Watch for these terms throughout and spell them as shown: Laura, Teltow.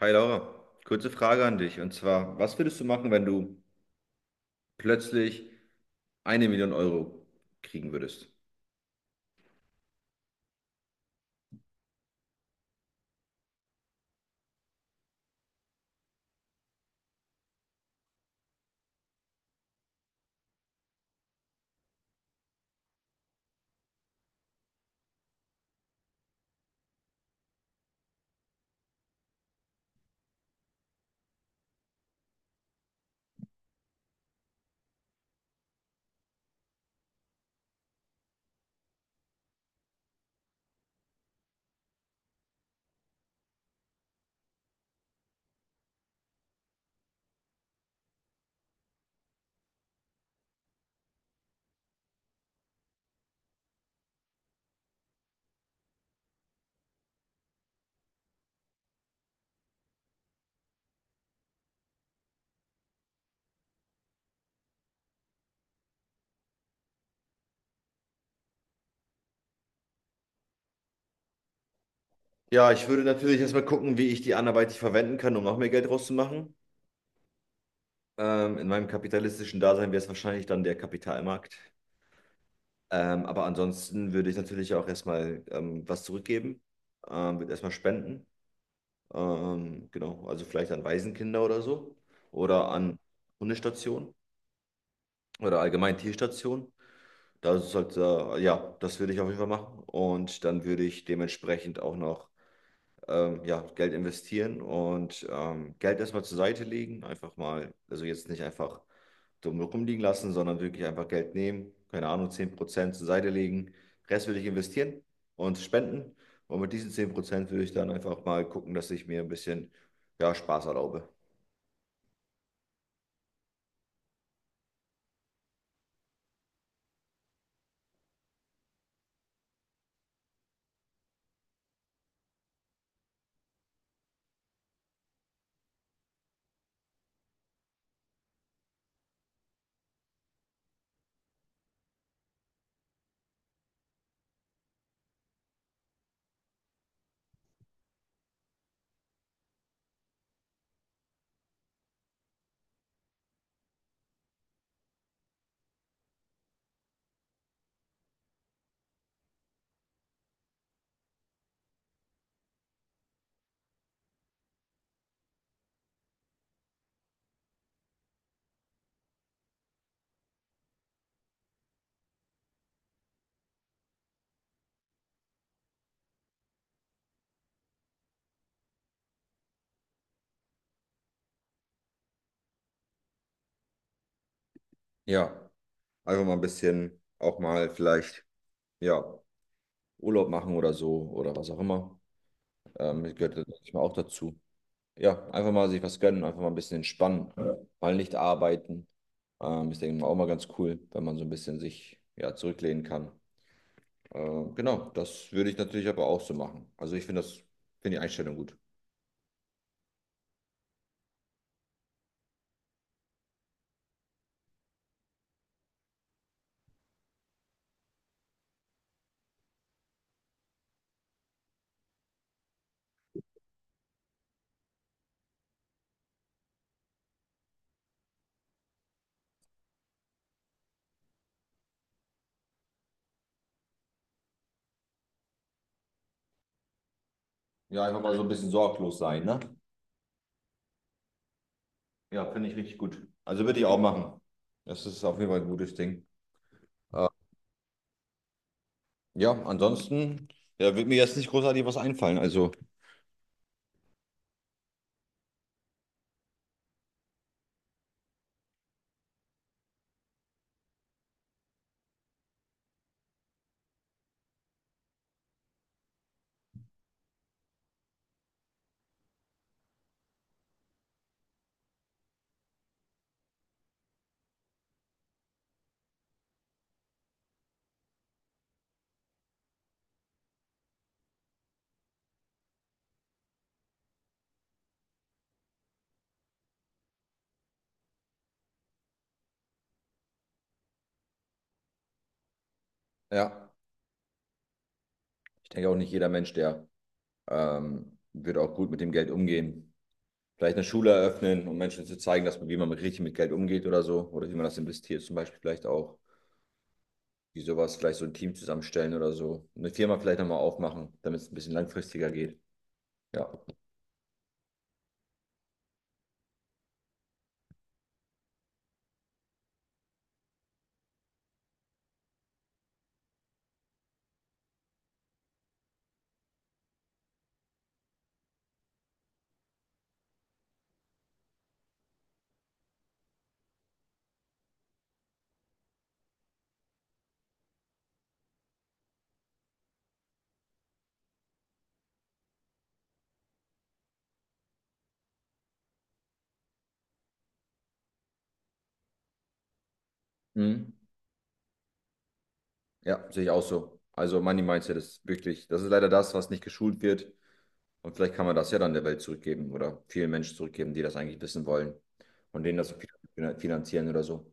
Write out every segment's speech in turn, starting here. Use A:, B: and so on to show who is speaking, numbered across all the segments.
A: Hi Laura, kurze Frage an dich. Und zwar, was würdest du machen, wenn du plötzlich 1.000.000 € kriegen würdest? Ja, ich würde natürlich erstmal gucken, wie ich die anderweitig verwenden kann, um noch mehr Geld rauszumachen. In meinem kapitalistischen Dasein wäre es wahrscheinlich dann der Kapitalmarkt. Aber ansonsten würde ich natürlich auch erstmal was zurückgeben, würde erstmal spenden. Genau, also vielleicht an Waisenkinder oder so oder an Hundestationen oder allgemein Tierstationen. Das sollte ja, das würde ich auf jeden Fall machen. Und dann würde ich dementsprechend auch noch ja, Geld investieren und Geld erstmal zur Seite legen. Einfach mal, also jetzt nicht einfach dumm rumliegen lassen, sondern wirklich einfach Geld nehmen. Keine Ahnung, 10% zur Seite legen. Rest würde ich investieren und spenden. Und mit diesen 10% würde ich dann einfach mal gucken, dass ich mir ein bisschen ja, Spaß erlaube. Ja, einfach mal ein bisschen auch mal vielleicht ja, Urlaub machen oder so oder was auch immer. Das gehört manchmal auch dazu. Ja, einfach mal sich was gönnen, einfach mal ein bisschen entspannen, ja. Mal nicht arbeiten. Ist, denke ich mal, auch mal ganz cool, wenn man so ein bisschen sich ja, zurücklehnen kann. Genau, das würde ich natürlich aber auch so machen. Also ich finde das, finde die Einstellung gut. Ja, einfach mal so ein bisschen sorglos sein, ne? Ja, finde ich richtig gut. Also würde ich auch machen. Das ist auf jeden Fall ein gutes Ding. Äh, ja, ansonsten, ja, wird mir jetzt nicht großartig was einfallen. Also, ja, ich denke auch nicht jeder Mensch, der wird auch gut mit dem Geld umgehen. Vielleicht eine Schule eröffnen, um Menschen zu zeigen, dass man, wie man richtig mit Geld umgeht oder so. Oder wie man das investiert, zum Beispiel vielleicht auch. Wie sowas, vielleicht so ein Team zusammenstellen oder so. Eine Firma vielleicht nochmal aufmachen, damit es ein bisschen langfristiger geht. Ja. Mhm. Ja, sehe ich auch so. Also Money Mindset ist wirklich, das ist leider das, was nicht geschult wird. Und vielleicht kann man das ja dann der Welt zurückgeben oder vielen Menschen zurückgeben, die das eigentlich wissen wollen und denen das finanzieren oder so.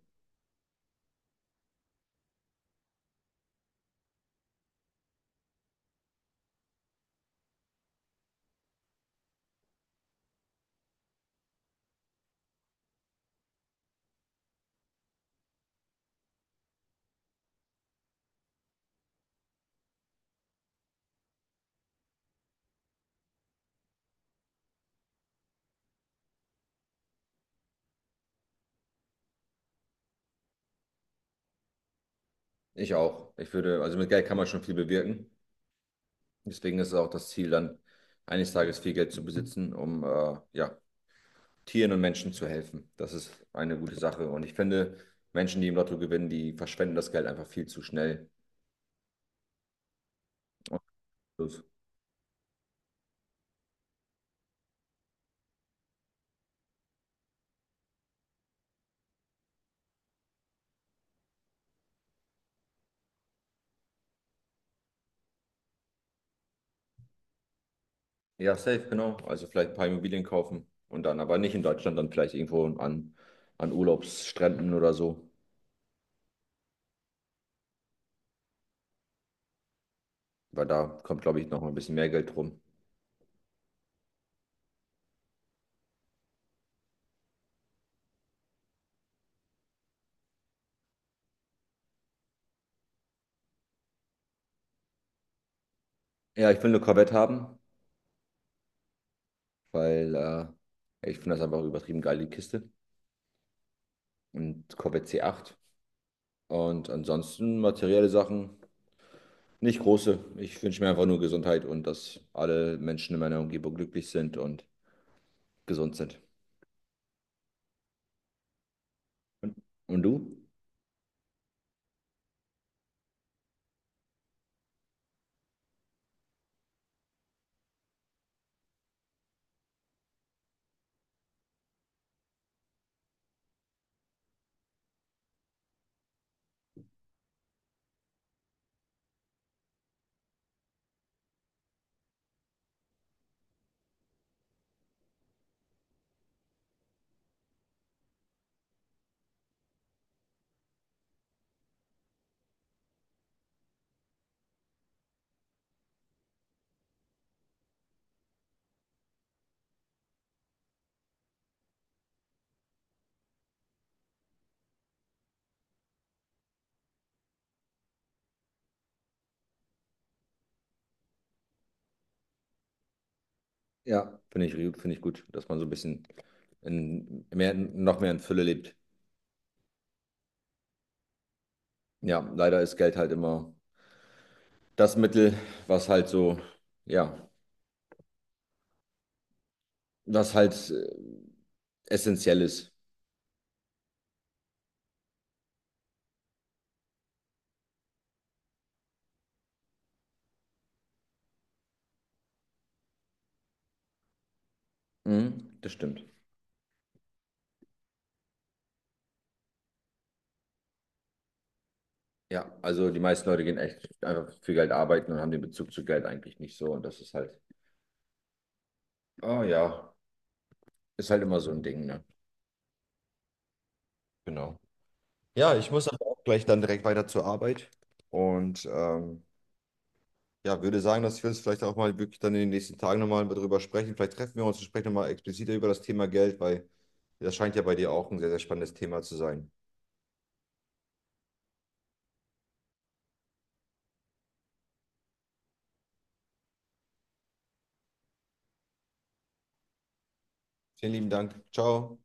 A: Ich auch. Ich würde, also mit Geld kann man schon viel bewirken. Deswegen ist es auch das Ziel, dann eines Tages viel Geld zu besitzen, um ja, Tieren und Menschen zu helfen. Das ist eine gute Sache. Und ich finde, Menschen, die im Lotto gewinnen, die verschwenden das Geld einfach viel zu schnell. Und das- Ja, safe, genau. Also vielleicht ein paar Immobilien kaufen und dann aber nicht in Deutschland, dann vielleicht irgendwo an, an Urlaubsstränden oder so, weil da kommt, glaube ich, noch mal ein bisschen mehr Geld rum. Ja, ich will eine Corvette haben, weil ich finde das einfach übertrieben geil, die Kiste. Und Corvette C8. Und ansonsten materielle Sachen, nicht große. Ich wünsche mir einfach nur Gesundheit und dass alle Menschen in meiner Umgebung glücklich sind und gesund sind. Und du? Ja, finde ich gut, dass man so ein bisschen in mehr, noch mehr in Fülle lebt. Ja, leider ist Geld halt immer das Mittel, was halt so, ja, was halt essentiell ist. Mhm, das stimmt. Ja, also die meisten Leute gehen echt einfach für Geld arbeiten und haben den Bezug zu Geld eigentlich nicht so. Und das ist halt, oh ja, ist halt immer so ein Ding, ne? Genau. Ja, ich muss aber auch gleich dann direkt weiter zur Arbeit. Und ja, würde sagen, dass wir uns vielleicht auch mal wirklich dann in den nächsten Tagen nochmal darüber sprechen. Vielleicht treffen wir uns und sprechen nochmal expliziter über das Thema Geld, weil das scheint ja bei dir auch ein sehr, sehr spannendes Thema zu sein. Vielen lieben Dank. Ciao.